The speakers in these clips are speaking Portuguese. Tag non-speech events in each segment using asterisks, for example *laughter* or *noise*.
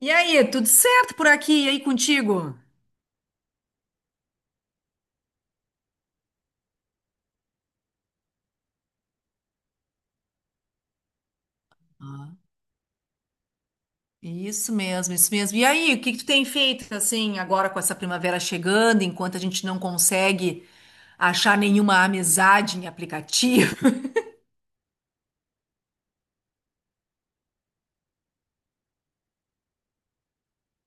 E aí, tudo certo por aqui? E aí contigo? Ah, isso mesmo, isso mesmo. E aí, o que que tu tem feito assim agora com essa primavera chegando, enquanto a gente não consegue achar nenhuma amizade em aplicativo?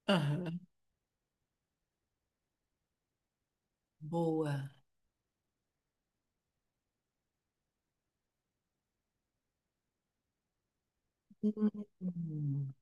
*laughs* Aham. Boa. Hum.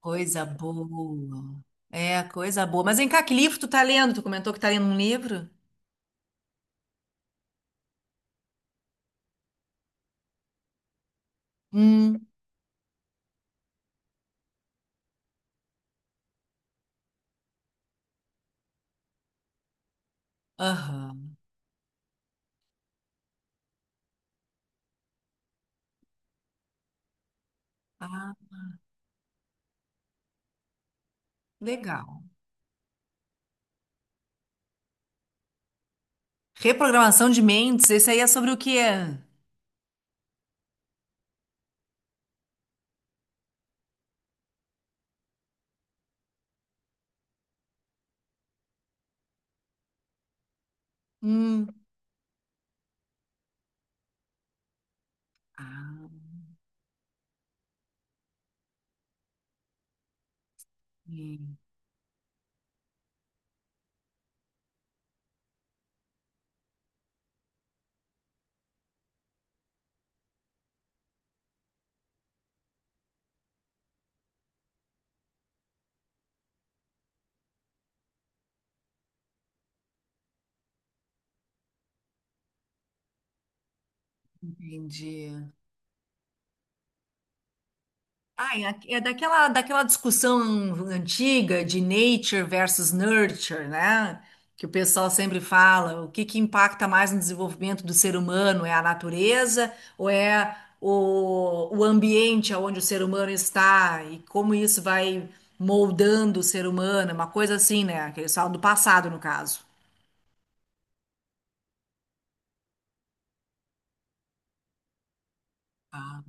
Coisa boa. É, coisa boa. Mas vem cá, que livro tu tá lendo? Tu comentou que tá lendo um livro? Hum, aham. Ah, legal. Reprogramação de mentes, esse aí é sobre o quê? Hum. Ah, é. Entendi. É daquela, daquela discussão antiga de nature versus nurture, né? Que o pessoal sempre fala, o que que impacta mais no desenvolvimento do ser humano? É a natureza ou é o ambiente onde o ser humano está e como isso vai moldando o ser humano? Uma coisa assim, né? Que eles falam do passado, no caso. Ah,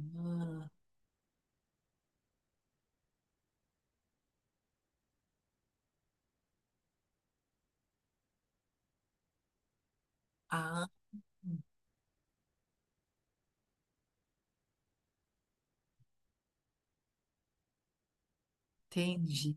ah, entendi.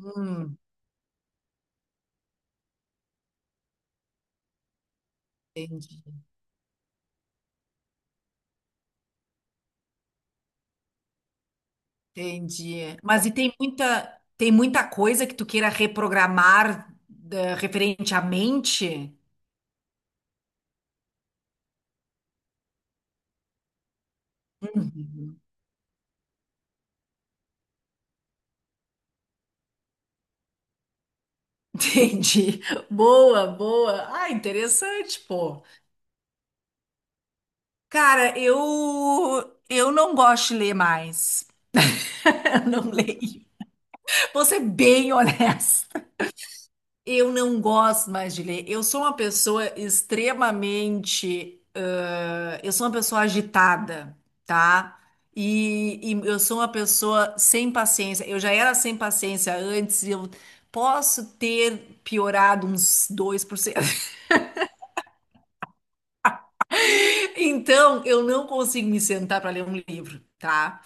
Hum, entendi. Entendi. Mas e tem muita coisa que tu queira reprogramar, referente à mente? Uhum. *laughs* Entendi. Boa, boa. Ah, interessante, pô. Cara, eu não gosto de ler mais. *laughs* Eu não leio. Vou ser bem honesta. Eu não gosto mais de ler. Eu sou uma pessoa extremamente. Eu sou uma pessoa agitada, tá? E eu sou uma pessoa sem paciência. Eu já era sem paciência antes, eu posso ter piorado uns 2%. Então, eu não consigo me sentar para ler um livro, tá?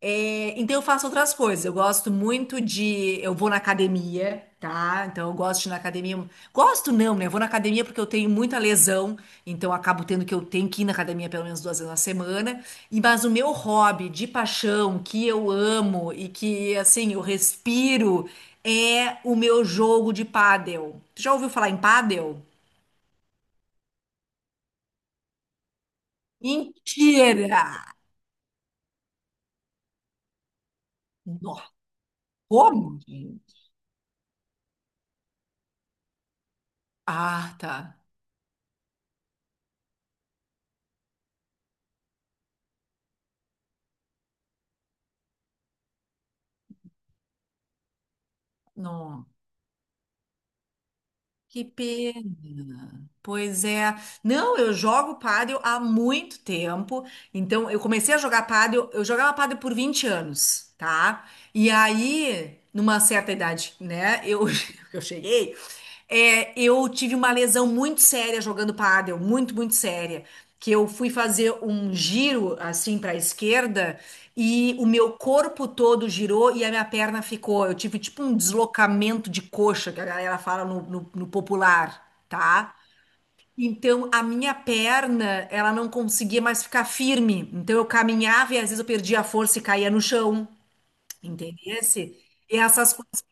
É, então, eu faço outras coisas. Eu gosto muito de. Eu vou na academia, tá? Então, eu gosto de ir na academia. Gosto não, né? Eu vou na academia porque eu tenho muita lesão. Então, eu acabo tendo que eu tenho que ir na academia pelo menos 2 vezes na semana. E, mas o meu hobby de paixão, que eu amo e que, assim, eu respiro, é o meu jogo de pádel. Tu já ouviu falar em pádel? Mentira! Nossa, como? Ah, tá. Não, que pena. Pois é. Não, eu jogo pádel há muito tempo. Então, eu comecei a jogar pádel, eu jogava pádel por 20 anos, tá? E aí, numa certa idade, né, eu, *laughs* eu cheguei, eu tive uma lesão muito séria jogando pádel, muito, muito séria. Que eu fui fazer um giro assim para a esquerda e o meu corpo todo girou e a minha perna ficou. Eu tive tipo um deslocamento de coxa, que a galera fala no popular, tá? Então a minha perna, ela não conseguia mais ficar firme. Então eu caminhava e às vezes eu perdia a força e caía no chão, entendesse? E essas coisas.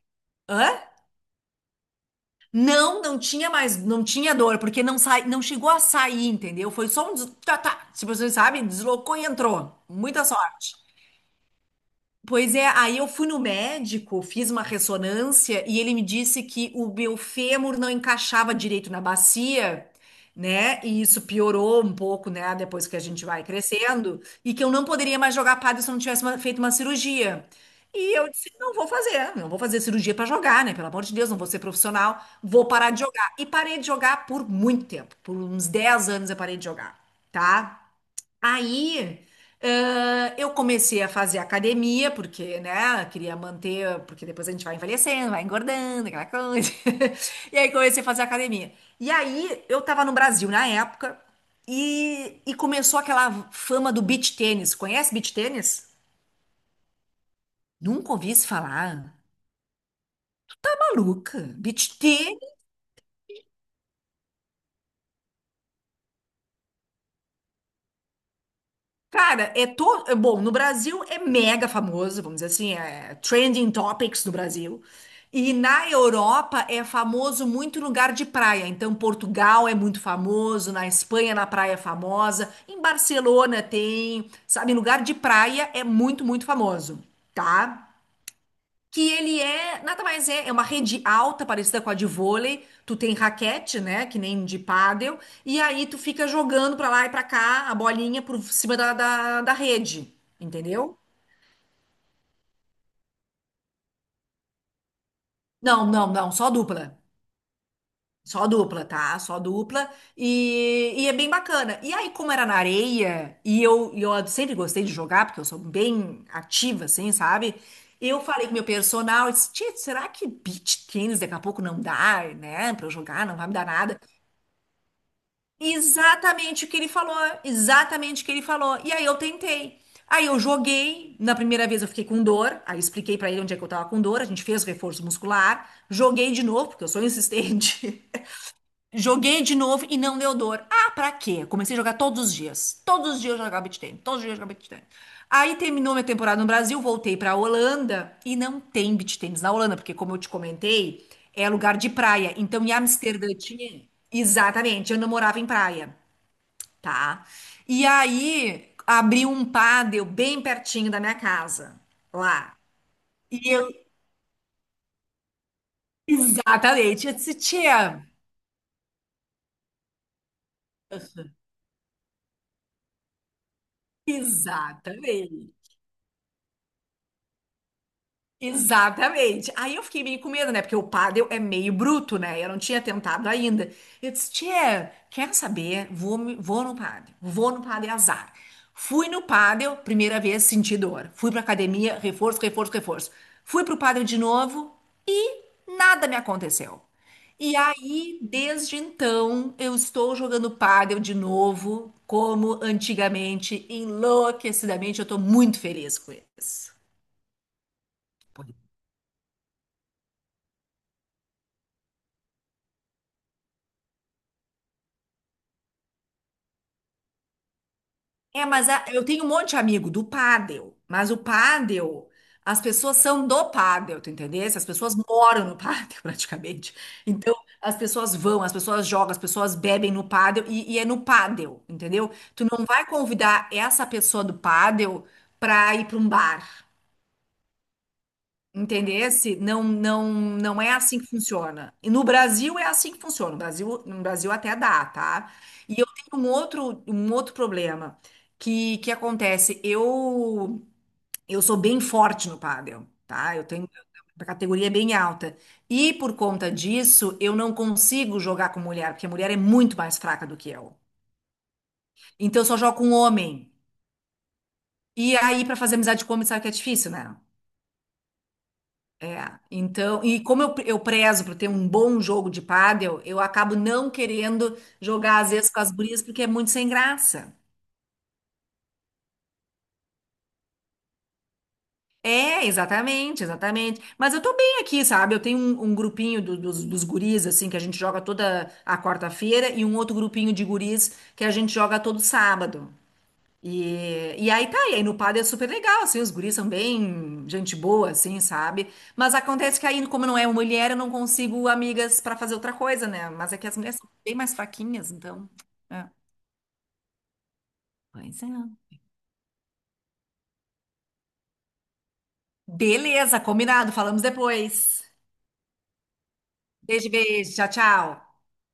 Hã? Não, não tinha mais, não tinha dor, porque não sai, não chegou a sair, entendeu? Foi só um, tá, tá, se vocês sabem, deslocou e entrou. Muita sorte. Pois é, aí eu fui no médico, fiz uma ressonância e ele me disse que o meu fêmur não encaixava direito na bacia, né? E isso piorou um pouco, né? Depois que a gente vai crescendo, e que eu não poderia mais jogar padel se eu não tivesse feito uma cirurgia. E eu disse, não vou fazer, não vou fazer cirurgia pra jogar, né? Pelo amor de Deus, não vou ser profissional, vou parar de jogar. E parei de jogar por muito tempo, por uns 10 anos eu parei de jogar, tá? Aí, eu comecei a fazer academia, porque, né, eu queria manter, porque depois a gente vai envelhecendo, vai engordando, aquela coisa. *laughs* E aí comecei a fazer academia. E aí, eu tava no Brasil na época, e começou aquela fama do beach tênis. Conhece beach tênis? Nunca ouvi se falar. Maluca, beach tênis. Cara, é todo. Bom, no Brasil é mega famoso, vamos dizer assim, é trending topics no Brasil. E na Europa é famoso muito em lugar de praia. Então, Portugal é muito famoso, na Espanha, na praia é famosa, em Barcelona tem, sabe, em lugar de praia é muito, muito famoso, tá? Que ele é, nada mais é, é uma rede alta, parecida com a de vôlei, tu tem raquete, né, que nem de pádel, e aí tu fica jogando pra lá e pra cá a bolinha por cima da rede, entendeu? Não, não, não, só dupla. Só dupla, tá? Só dupla. E é bem bacana. E aí, como era na areia, e eu sempre gostei de jogar, porque eu sou bem ativa, assim, sabe? Eu falei com meu personal, eu disse, "Tchê, será que beach tênis daqui a pouco não dá, né? Pra eu jogar, não vai me dar nada. Exatamente o que ele falou, exatamente o que ele falou. E aí eu tentei. Aí eu joguei, na primeira vez eu fiquei com dor, aí expliquei pra ele onde é que eu tava com dor, a gente fez o reforço muscular, joguei de novo, porque eu sou insistente. *laughs* Joguei de novo e não deu dor. Ah, pra quê? Comecei a jogar todos os dias. Todos os dias eu jogava beach tennis, todos os dias eu jogava beach tennis. Aí terminou minha temporada no Brasil, voltei pra Holanda e não tem beach tennis na Holanda, porque como eu te comentei, é lugar de praia. Então em Amsterdã tinha Exatamente, eu não morava em praia, tá? E aí abriu um pádel bem pertinho da minha casa, lá. E eu, exatamente, eu disse, tia, exatamente. Exatamente. Aí eu fiquei meio com medo, né? Porque o pádel é meio bruto, né? Eu não tinha tentado ainda. Eu disse, tia, quer saber? Vou, vou no pádel. Vou no pádel azar. Fui no pádel, primeira vez senti dor. Fui pra academia, reforço, reforço, reforço. Fui pro pádel de novo e nada me aconteceu. E aí, desde então, eu estou jogando pádel de novo, como antigamente, enlouquecidamente. Eu estou muito feliz com isso. É, mas eu tenho um monte de amigo do pádel, mas o pádel, as pessoas são do pádel, tu entendesse? As pessoas moram no pádel *laughs* praticamente. Então, as pessoas vão, as pessoas jogam, as pessoas bebem no pádel e é no pádel, entendeu? Tu não vai convidar essa pessoa do pádel pra ir pra um bar. Entendesse? Não, não, não é assim que funciona. E no Brasil é assim que funciona. No Brasil, no Brasil até dá, tá? E eu tenho um outro problema que acontece. Eu sou bem forte no pádel, tá? Eu tenho a categoria é bem alta. E por conta disso, eu não consigo jogar com mulher, porque a mulher é muito mais fraca do que eu. Então eu só jogo com homem. E aí, pra fazer amizade com homem, sabe que é difícil, né? É, então, e como eu prezo por ter um bom jogo de pádel, eu acabo não querendo jogar às vezes com as gurias porque é muito sem graça. É, exatamente, exatamente. Mas eu tô bem aqui, sabe? Eu tenho um, um grupinho dos, dos guris, assim, que a gente joga toda a quarta-feira, e um outro grupinho de guris que a gente joga todo sábado. E aí tá, e aí no padre é super legal, assim, os guris são bem gente boa, assim, sabe? Mas acontece que aí, como não é uma mulher, eu não consigo amigas pra fazer outra coisa, né? Mas é que as mulheres são bem mais fraquinhas, então. É. Pois é. Beleza, combinado, falamos depois. Beijo, beijo, tchau, tchau.